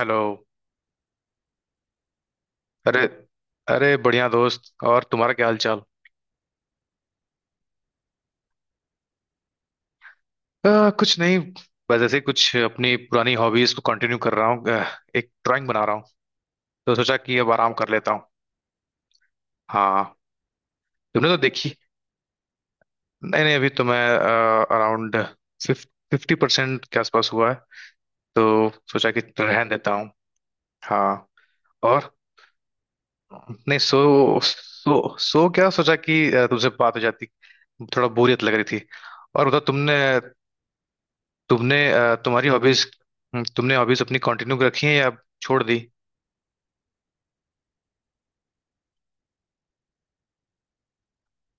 Hello. अरे, अरे बढ़िया दोस्त। और तुम्हारा क्या हाल चाल? कुछ नहीं। बस ऐसे ही कुछ अपनी पुरानी हॉबीज को कंटिन्यू कर रहा हूँ एक ड्राइंग बना रहा हूँ। तो सोचा कि अब आराम कर लेता हूँ। हाँ। तुमने तो देखी। नहीं, नहीं, अभी तो मैं अराउंड 50% के आसपास हुआ है। तो सोचा कि रहने देता हूँ। हाँ। और। नहीं, सो क्या सोचा कि तुमसे बात हो जाती। थोड़ा बोरियत लग रही थी। और बताओ तुमने। तुम्हारी हॉबीज। तुमने हॉबीज अपनी कंटिन्यू रखी है या छोड़ दी?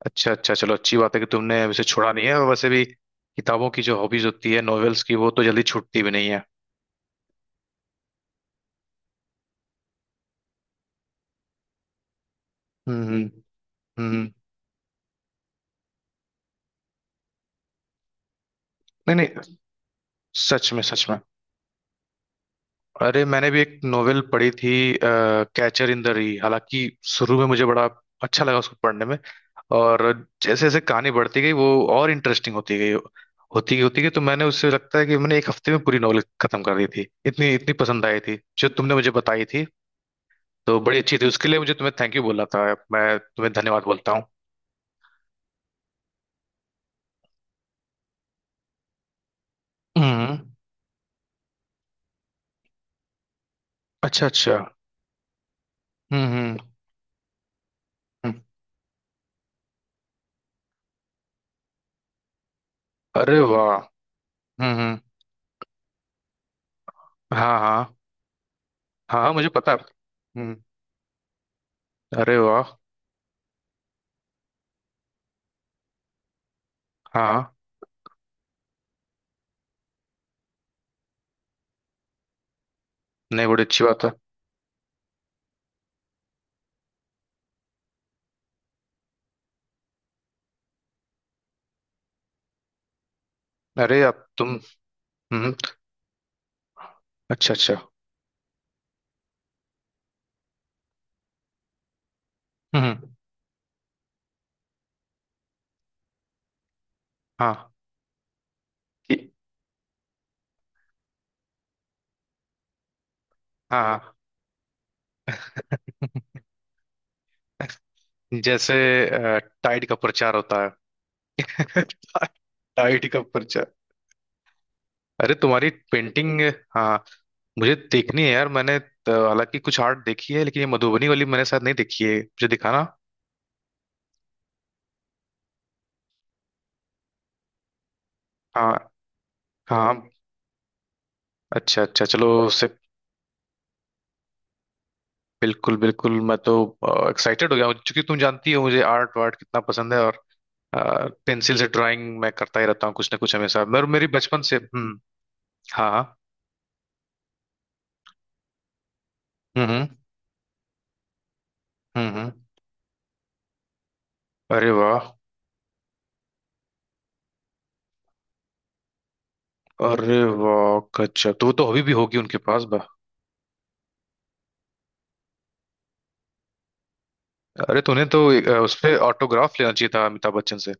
अच्छा, अच्छा, चलो अच्छी बात है कि तुमने वैसे छोड़ा नहीं है। और वैसे भी किताबों की जो हॉबीज होती है नॉवेल्स की, वो तो जल्दी छूटती भी नहीं है। हम्म, हम्म, हम्म। नहीं, नहीं। सच में, सच में। अरे, मैंने भी एक नोवेल पढ़ी थी, कैचर इन द री। हालांकि शुरू में मुझे बड़ा अच्छा लगा उसको पढ़ने में। और जैसे जैसे कहानी बढ़ती गई, वो और इंटरेस्टिंग होती गई, होती गई, होती गई। तो मैंने, उससे लगता है कि मैंने एक हफ्ते में पूरी नॉवेल खत्म कर दी थी। इतनी इतनी पसंद आई थी जो तुमने मुझे बताई थी। तो बड़ी अच्छी थी। उसके लिए मुझे तुम्हें थैंक यू बोला था। मैं तुम्हें धन्यवाद बोलता हूँ। हम्म। अच्छा, अच्छा। हम्म, हम्म, हम्म। अरे वाह। हम्म, हम्म। हाँ, हाँ। हाँ, हाँ, मुझे पता है। हम्म। अरे वाह। हाँ, हाँ। नहीं, बड़ी अच्छी बात है। अरे आप, तुम। हम्म। अच्छा, अच्छा। हम्म। हाँ। कि- हाँ। जैसे टाइड का प्रचार होता है। टाइड का प्रचार। अरे तुम्हारी पेंटिंग। हाँ, मुझे देखनी है यार। मैंने तो हालांकि कुछ आर्ट देखी है, लेकिन ये मधुबनी वाली मैंने शायद नहीं देखी है। मुझे दिखाना। हाँ, हाँ। अच्छा, अच्छा, चलो उसे। बिल्कुल, बिल्कुल, मैं तो एक्साइटेड हो गया हूँ, क्योंकि तुम जानती हो मुझे आर्ट वार्ट कितना पसंद है। और पेंसिल से ड्राइंग मैं करता ही रहता हूँ, कुछ ना कुछ हमेशा, मेरे मेरी बचपन से। हम्म। हाँ, हाँ, हम्म, हम्म, हम्म, अरे वाह। अरे वाह गजब। तो वो तो हॉबी भी होगी उनके पास बा अरे तूने तो उस पे ऑटोग्राफ लेना चाहिए था अमिताभ बच्चन से।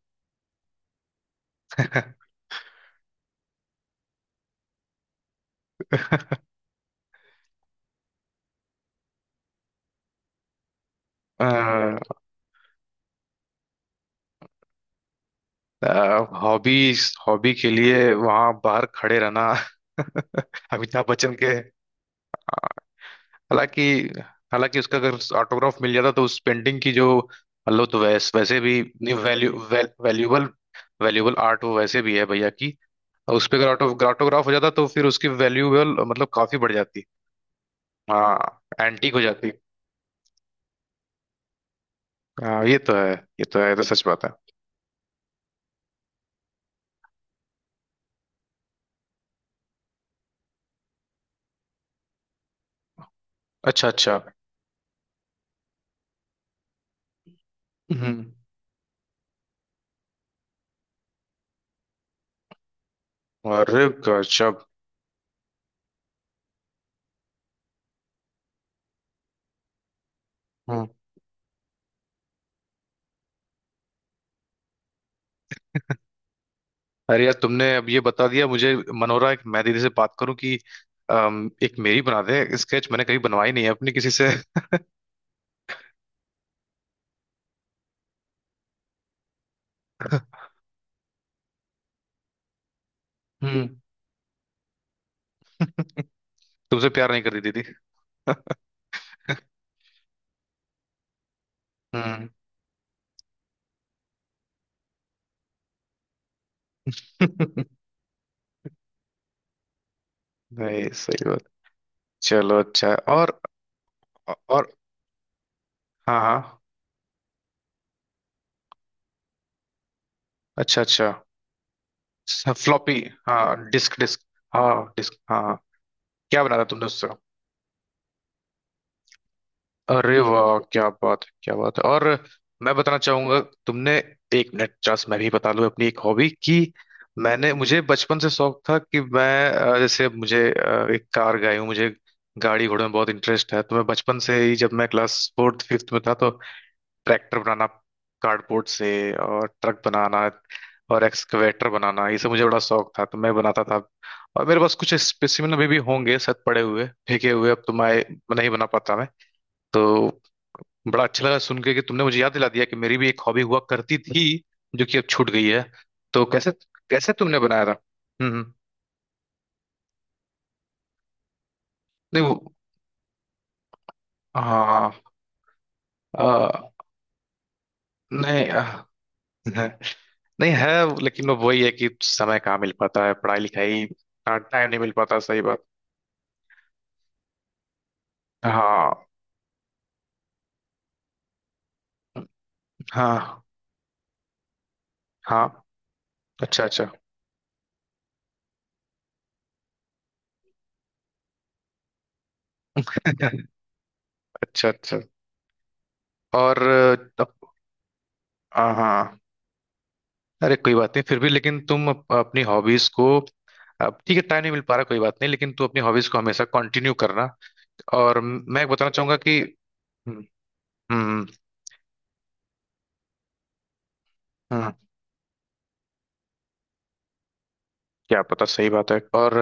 हॉबी, हॉबी के लिए वहां बाहर खड़े रहना। अमिताभ बच्चन के। हालांकि, हालांकि उसका अगर ऑटोग्राफ मिल जाता तो उस पेंटिंग की जो, मतलब तो वैसे भी, वैल्यूबल, वैल्यूबल आर्ट वो वैसे भी है भैया की। और उस पे अगर ऑटोग्राफ हो जाता तो फिर उसकी वैल्यूबल मतलब काफी बढ़ जाती। हाँ, एंटीक हो जाती। हाँ, ये तो है। ये तो है, ये तो सच बात है। अच्छा, अच्छा। हम्म। अरे गजब। हम्म। अरे यार, तुमने अब ये बता दिया मुझे। मन हो रहा है कि मैं दीदी से बात करूं कि एक मेरी बना दे स्केच। मैंने कभी बनवाई नहीं है अपनी किसी से। हम्म। तुमसे प्यार नहीं करती दीदी। हम्म। नहीं, सही बात। चलो अच्छा है। और। और। हाँ, हाँ। अच्छा, अच्छा। फ्लॉपी। हाँ, डिस्क, डिस्क। हाँ, डिस्क, हाँ, हाँ। क्या बनाया था तुमने उससे? अरे वाह, क्या बात है, क्या बात है। और मैं बताना चाहूंगा। तुमने, एक मिनट, चांस मैं भी बता लूं अपनी एक हॉबी कि मैंने मुझे बचपन से शौक था कि मैं, जैसे मुझे, एक कार गाड़ी हूँ, मुझे गाड़ी घोड़े में बहुत इंटरेस्ट है। तो मैं बचपन से ही जब मैं क्लास फोर्थ फिफ्थ में था, तो ट्रैक्टर बनाना कार्डबोर्ड से, और ट्रक बनाना, और एक्सकवेटर बनाना, ये सब मुझे बड़ा शौक था। तो मैं बनाता था। और मेरे पास कुछ स्पेसिमेन अभी भी होंगे शायद, पड़े हुए फेंके हुए। अब तो मैं नहीं बना पाता मैं। तो बड़ा अच्छा लगा सुन के कि तुमने मुझे याद दिला दिया कि मेरी भी एक हॉबी हुआ करती थी, जो कि अब छूट गई है। तो कैसे, कैसे तुमने बनाया था? हम्म, नहीं, वो, हाँ, आ, नहीं, आ, नहीं है। लेकिन वो वही है कि समय कहाँ मिल पाता है, पढ़ाई लिखाई। टाइम नहीं मिल पाता, सही बात। हाँ, हाँ, हाँ। अच्छा, अच्छा। अच्छा, अच्छा। और अप- हाँ, हाँ। अरे कोई बात नहीं। फिर भी लेकिन तुम अपनी हॉबीज को, अब ठीक है, टाइम नहीं मिल पा रहा, कोई बात नहीं, लेकिन तुम अपनी हॉबीज को हमेशा कंटिन्यू करना। और मैं बताना चाहूंगा कि, हम्म, हम्म, हम्म। क्या पता, सही बात है। और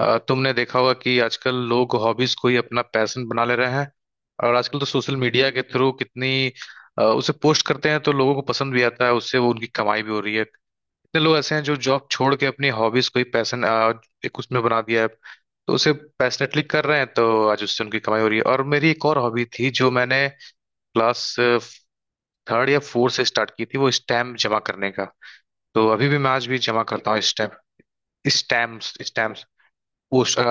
तुमने देखा होगा कि आजकल लोग हॉबीज को ही अपना पैशन बना ले रहे हैं। और आजकल तो सोशल मीडिया के थ्रू कितनी उसे पोस्ट करते हैं तो लोगों को पसंद भी आता है, उससे वो उनकी कमाई भी हो रही है। कितने लोग ऐसे हैं जो जॉब छोड़ के अपनी हॉबीज को ही पैशन एक उसमें बना दिया है। तो उसे पैशनेटली कर रहे हैं, तो आज उससे उनकी कमाई हो रही है। और मेरी एक और हॉबी थी जो मैंने क्लास थर्ड या फोर्थ से स्टार्ट की थी, वो स्टैम्प जमा करने का। तो अभी भी मैं आज भी जमा करता हूँ स्टैम्प, स्टैम्प्स स्टैम्प्स। उस अ,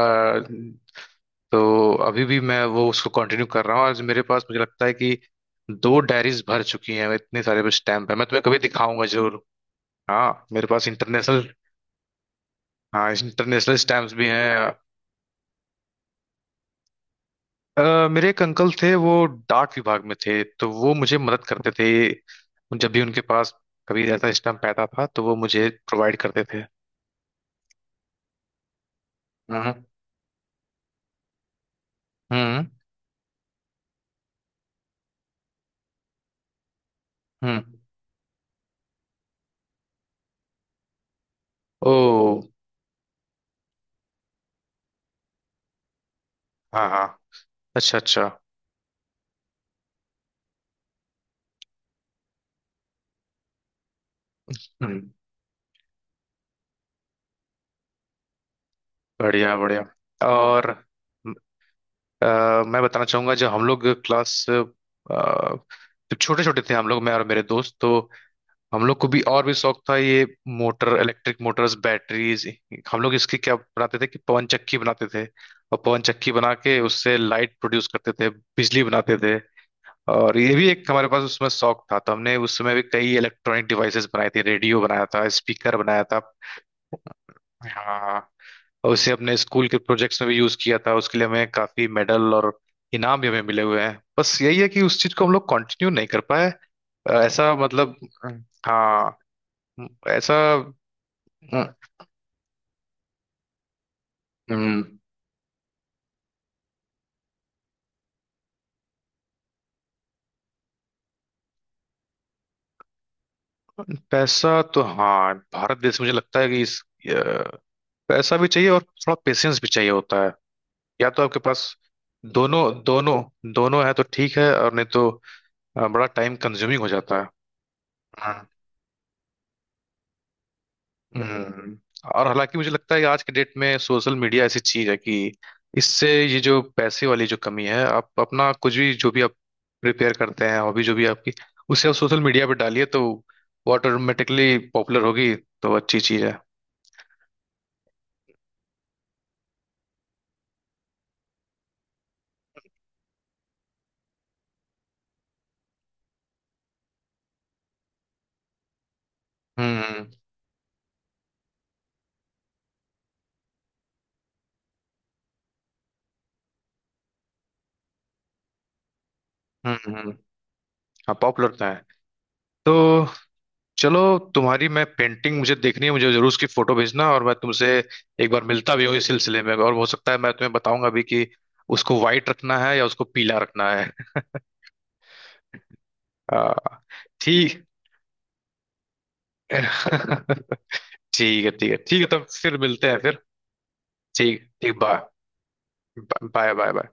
तो अभी भी मैं वो उसको कंटिन्यू कर रहा हूँ, और मेरे पास मुझे लगता है कि दो डायरीज भर चुकी हैं, इतने सारे स्टैम्प है। मैं तुम्हें कभी दिखाऊंगा जरूर। हाँ, मेरे पास इंटरनेशनल, हाँ इंटरनेशनल स्टैम्प्स भी हैं। मेरे एक अंकल थे, वो डाक विभाग में थे, तो वो मुझे मदद करते थे। जब भी उनके पास कभी ऐसा स्टैम्प पैदा था, तो वो मुझे प्रोवाइड करते थे। हम्म, हम्म, हम्म। ओ। हाँ, हाँ। अच्छा, अच्छा। हम्म। बढ़िया, बढ़िया। और अ, मैं बताना चाहूंगा, जब हम लोग क्लास, जब छोटे छोटे थे हम लोग, मैं और मेरे दोस्त, तो हम लोग को भी और भी शौक था ये मोटर, इलेक्ट्रिक मोटर्स, बैटरीज। हम लोग इसकी क्या बनाते थे कि पवन चक्की बनाते थे, और पवन चक्की बना के उससे लाइट प्रोड्यूस करते थे, बिजली बनाते थे। और ये भी एक हमारे पास उसमें शौक था। तो हमने उस समय भी कई इलेक्ट्रॉनिक डिवाइसेस बनाए थे, रेडियो बनाया था, स्पीकर बनाया था। हाँ। और उसे अपने स्कूल के प्रोजेक्ट्स में भी यूज किया था। उसके लिए हमें काफी मेडल और इनाम भी हमें मिले हुए हैं। बस यही है कि उस चीज को हम लोग कंटिन्यू नहीं कर पाए। ऐसा मतलब, हाँ, ऐसा, अम, अम, पैसा तो हाँ, भारत देश में मुझे लगता है कि इस, अ, पैसा भी चाहिए और थोड़ा पेशेंस भी चाहिए होता है। या तो आपके पास दोनों, दोनों, दोनों है तो ठीक है, और नहीं तो बड़ा टाइम कंज्यूमिंग हो जाता है। हम्म। और हालांकि मुझे लगता है कि आज के डेट में सोशल मीडिया ऐसी चीज है कि इससे, ये जो पैसे वाली जो कमी है, आप अपना कुछ भी, जो भी आप प्रिपेयर करते हैं हॉबी जो भी आपकी, उसे आप सोशल मीडिया पर डालिए, तो वो ऑटोमेटिकली पॉपुलर होगी। तो अच्छी चीज है। हम्म, हम्म, हम्म। हाँ, पॉपुलर तो है। तो चलो, तुम्हारी मैं पेंटिंग मुझे देखनी है, मुझे जरूर उसकी फोटो भेजना, और मैं तुमसे एक बार मिलता भी हूँ इस सिलसिले में। और हो सकता है मैं तुम्हें बताऊंगा भी कि उसको व्हाइट रखना है या उसको पीला रखना है। आ, ठीक। ठीक है, ठीक है, ठीक है। तब फिर मिलते हैं फिर। ठीक, ठीक, बाय। Bye, bye, bye.